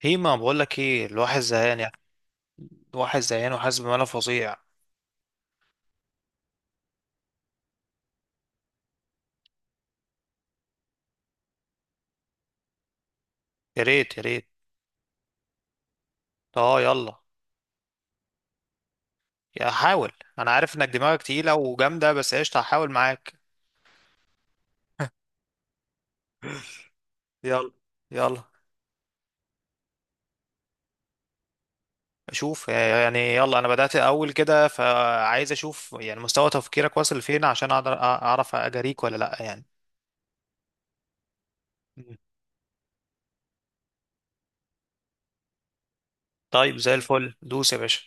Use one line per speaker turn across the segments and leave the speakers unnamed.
هي ما بقول لك ايه الواحد زهقان يعني. الواحد زهقان وحاسس بملل فظيع. يا ريت يا ريت. اه يلا. يا حاول، انا عارف انك دماغك تقيله وجامده، بس قشطه هحاول معاك. يلا يلا. اشوف يعني، يلا انا بدات اول كده فعايز اشوف يعني مستوى تفكيرك واصل لفين عشان اقدر اعرف اجاريك ولا لا يعني. مم. طيب زي الفل، دوس يا باشا.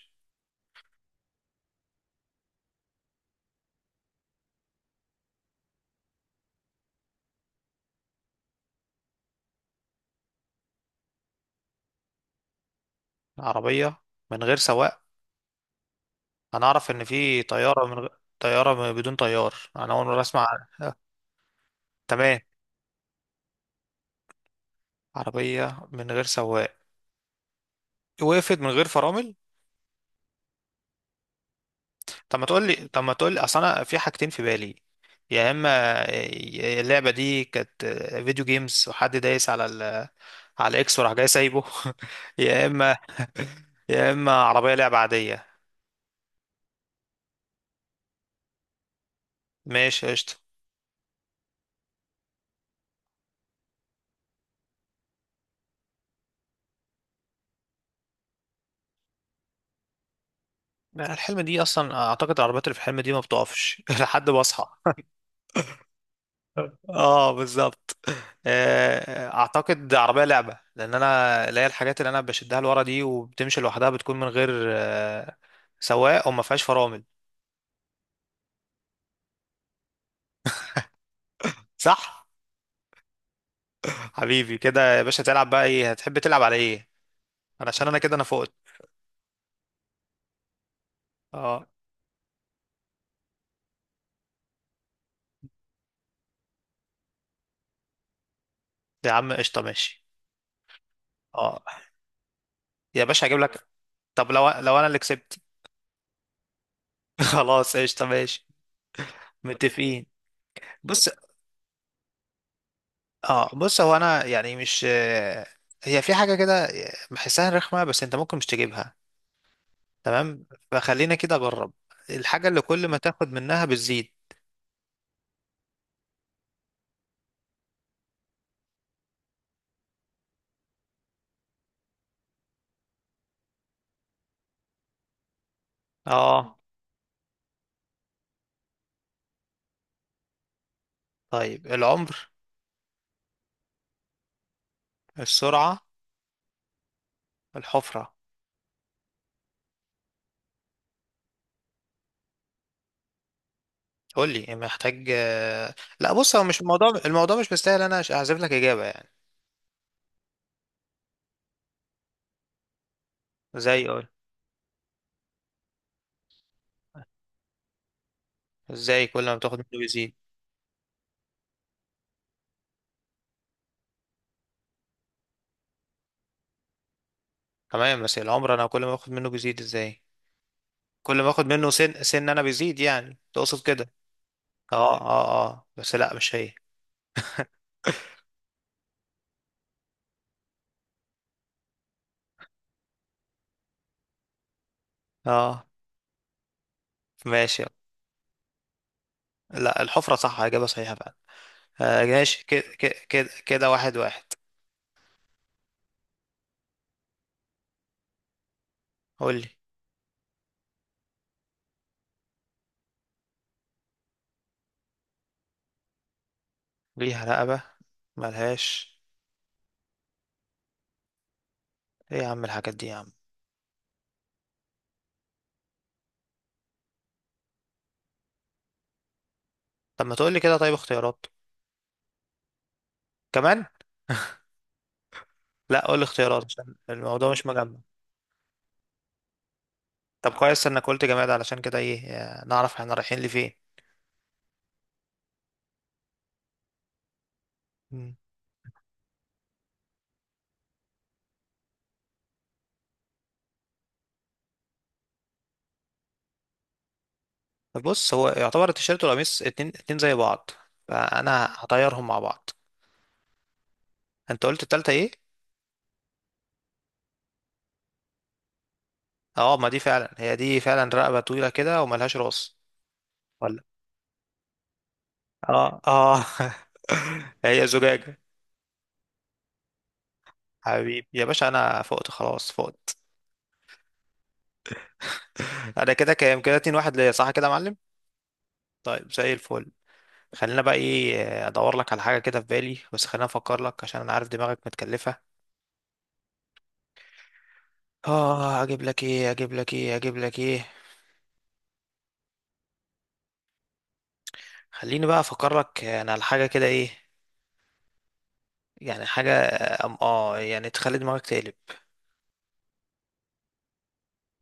عربيه من غير سواق. انا اعرف ان في طياره طياره بدون طيار انا اول مره اسمع. تمام، عربية من غير سواق وقفت من غير فرامل. طب ما تقول لي اصل انا في حاجتين في بالي. يا اما اللعبة دي كانت فيديو جيمز وحد دايس على الاكس وراح جاي سايبه. يا اما، يا اما عربية لعبة عادية. ماشي قشطة. لا، الحلم دي اصلا اعتقد العربيات اللي في الحلم دي ما بتقفش لحد ما اصحى. اه بالظبط. اعتقد عربيه لعبه لان انا اللي هي الحاجات اللي انا بشدها لورا دي وبتمشي لوحدها بتكون من غير آه، سواق وما فيهاش فرامل. صح. حبيبي كده يا باشا، تلعب بقى ايه؟ هتحب تلعب على ايه؟ انا عشان انا كده انا فقت. اه يا عم قشطه ماشي. اه يا باشا هجيب لك. طب لو انا اللي كسبت. خلاص قشطه ماشي. متفقين. بص، اه بص هو انا يعني مش آه، هي في حاجه كده بحسها رخمه، بس انت ممكن مش تجيبها. تمام، فخلينا كده اجرب. الحاجة اللي كل ما تاخد منها بتزيد. اه. طيب العمر، السرعة، الحفرة. قول لي محتاج لا بص، هو مش الموضوع، الموضوع مش مستاهل انا اعزف لك اجابة يعني. ازاي قول؟ ازاي كل ما بتاخد منه بيزيد؟ تمام بس العمر انا كل ما باخد منه بيزيد ازاي؟ كل ما اخد منه سن انا بيزيد، يعني تقصد كده؟ اه بس لا مش هي. اه ماشي. لا الحفرة صح، اجابة صحيحة فعلا. آه ماشي، كده واحد واحد. قولي، ليها رقبة ملهاش؟ ايه يا عم الحاجات دي يا عم. طب ما تقولي كده طيب، اختيارات كمان. لا قولي اختيارات عشان الموضوع مش مجمع. طب كويس انك قلت جماد، علشان كده ايه نعرف احنا رايحين لفين. مم. طب بص، هو يعتبر التيشيرت والقميص اتنين اتنين زي بعض، فانا هطيرهم مع بعض. انت قلت التالتة ايه؟ اه ما دي فعلا، هي دي فعلا رقبة طويلة كده وملهاش راس. ولا، اه هي زجاجة. حبيبي يا باشا انا فقت، خلاص فقت. انا كده كام كده؟ 2 واحد ليا صح كده يا معلم؟ طيب زي الفل. خلينا بقى ايه ادور لك على حاجه كده في بالي، بس خلينا افكر لك عشان انا عارف دماغك متكلفه. اه اجيب لك ايه اجيب لك ايه. خليني بقى افكر لك انا على حاجه كده ايه. يعني حاجه يعني تخلي دماغك تقلب.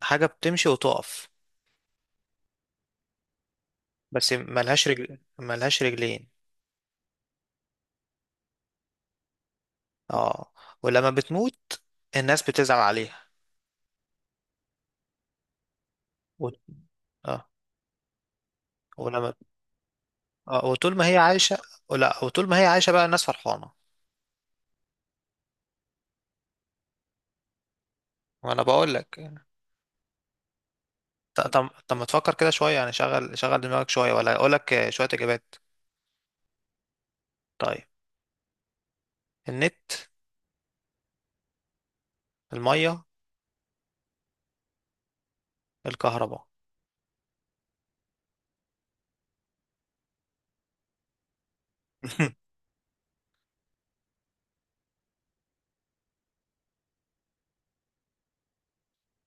حاجه بتمشي وتقف، بس ملهاش رجل، ملهاش رجلين. اه. ولما بتموت الناس بتزعل عليها. و... اه. ولما وطول ما هي عايشه. ولا، وطول ما هي عايشه بقى الناس فرحانه. وانا بقول لك. طب ما تفكر كده شويه يعني، شغل دماغك شويه، ولا اقول لك شويه اجابات. طيب، النت، الميه، الكهرباء.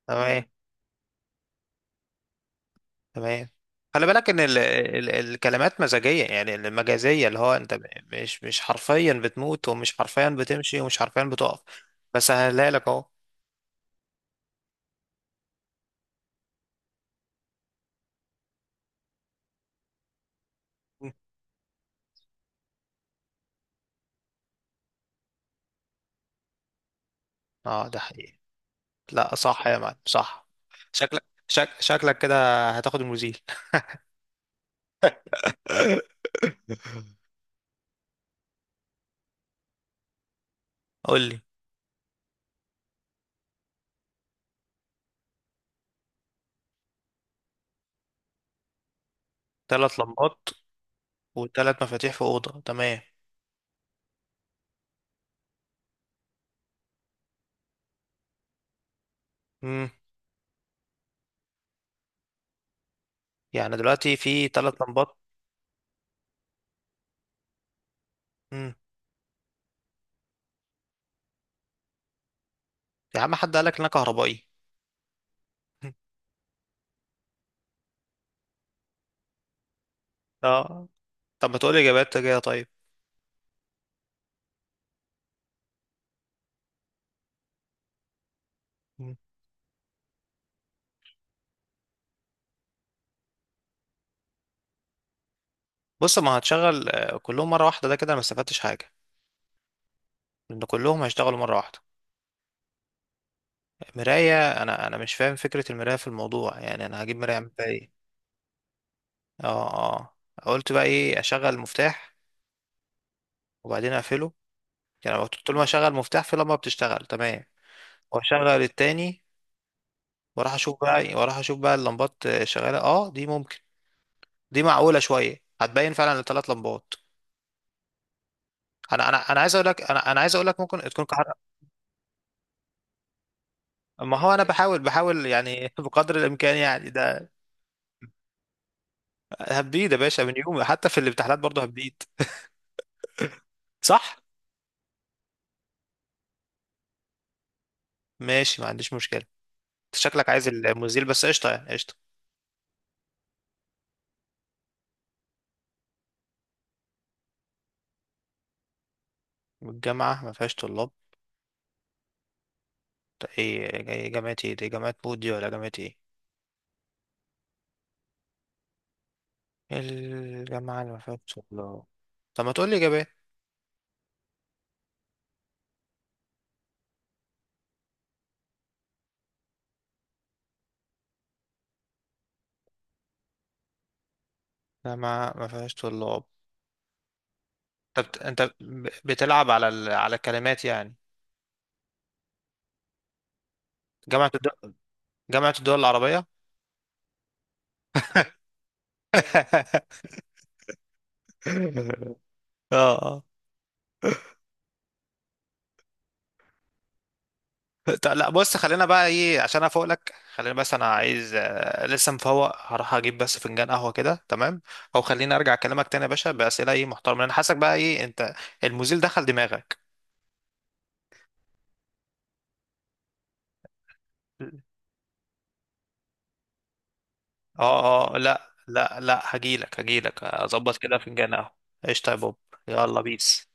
تمام تمام. خلي بالك ان ال الكلمات مزاجيه يعني المجازيه، اللي هو انت مش حرفيا بتموت ومش حرفيا بتمشي ومش حرفيا بتقف. بس هلاقي لك اهو. اه ده حقيقي. لا صح يا معلم صح. شكلك كده هتاخد المزيل. قول لي. ثلاث لمبات وثلاث مفاتيح في اوضه، تمام. امم. يعني دلوقتي في ثلاث لمبات. امم. يا عم حد قالك ان انا كهربائي؟ اه طب ما تقولي اجابات كده طيب. مم. بص، ما هتشغل كلهم مره واحده ده كده انا ما استفدتش حاجه، لان كلهم هيشتغلوا مره واحده. مرايه، انا مش فاهم فكره المرايه في الموضوع يعني، انا هجيب مرايه اعمل بيها ايه. اه اه. قلت بقى ايه، اشغل المفتاح وبعدين اقفله، يعني لو طول ما اشغل مفتاح في لمبه بتشتغل تمام، واشغل التاني واروح اشوف بقى، واروح اشوف بقى اللمبات شغاله. اه دي ممكن، دي معقوله شويه هتبين فعلا الثلاث لمبات. انا عايز اقول لك، انا عايز اقول لك ممكن تكون كحر. ما هو انا بحاول يعني بقدر الامكان يعني ده. هبديد يا باشا من يومي، حتى في الامتحانات برضه هبديد. صح. ماشي ما عنديش مشكله. أنت شكلك عايز المزيل، بس قشطه يعني قشطه. الجامعه ما فيهاش طلاب؟ ده ايه؟ إيه جامعه ايه دي، جامعه مود دي ولا جامعه ايه؟ الجامعه اللي ما فيهاش طلاب؟ طب ما تقول لي اجابات. جامعه ما فيهاش طلاب. طب انت بتلعب على الكلمات يعني. جامعة، جامعة الدول العربية. اه اه. طب لا بص، خلينا بقى ايه عشان افوق لك، خلينا بس انا عايز لسه مفوق، هروح اجيب بس فنجان قهوة كده تمام. او خليني ارجع اكلمك تاني يا باشا بأسئلة ايه محترمة، انا حاسك بقى ايه انت، المزيل دخل دماغك. اه اه لا هجيلك، هجيلك اظبط كده فنجان قهوة. قشطة يا بوب. يلا بيس.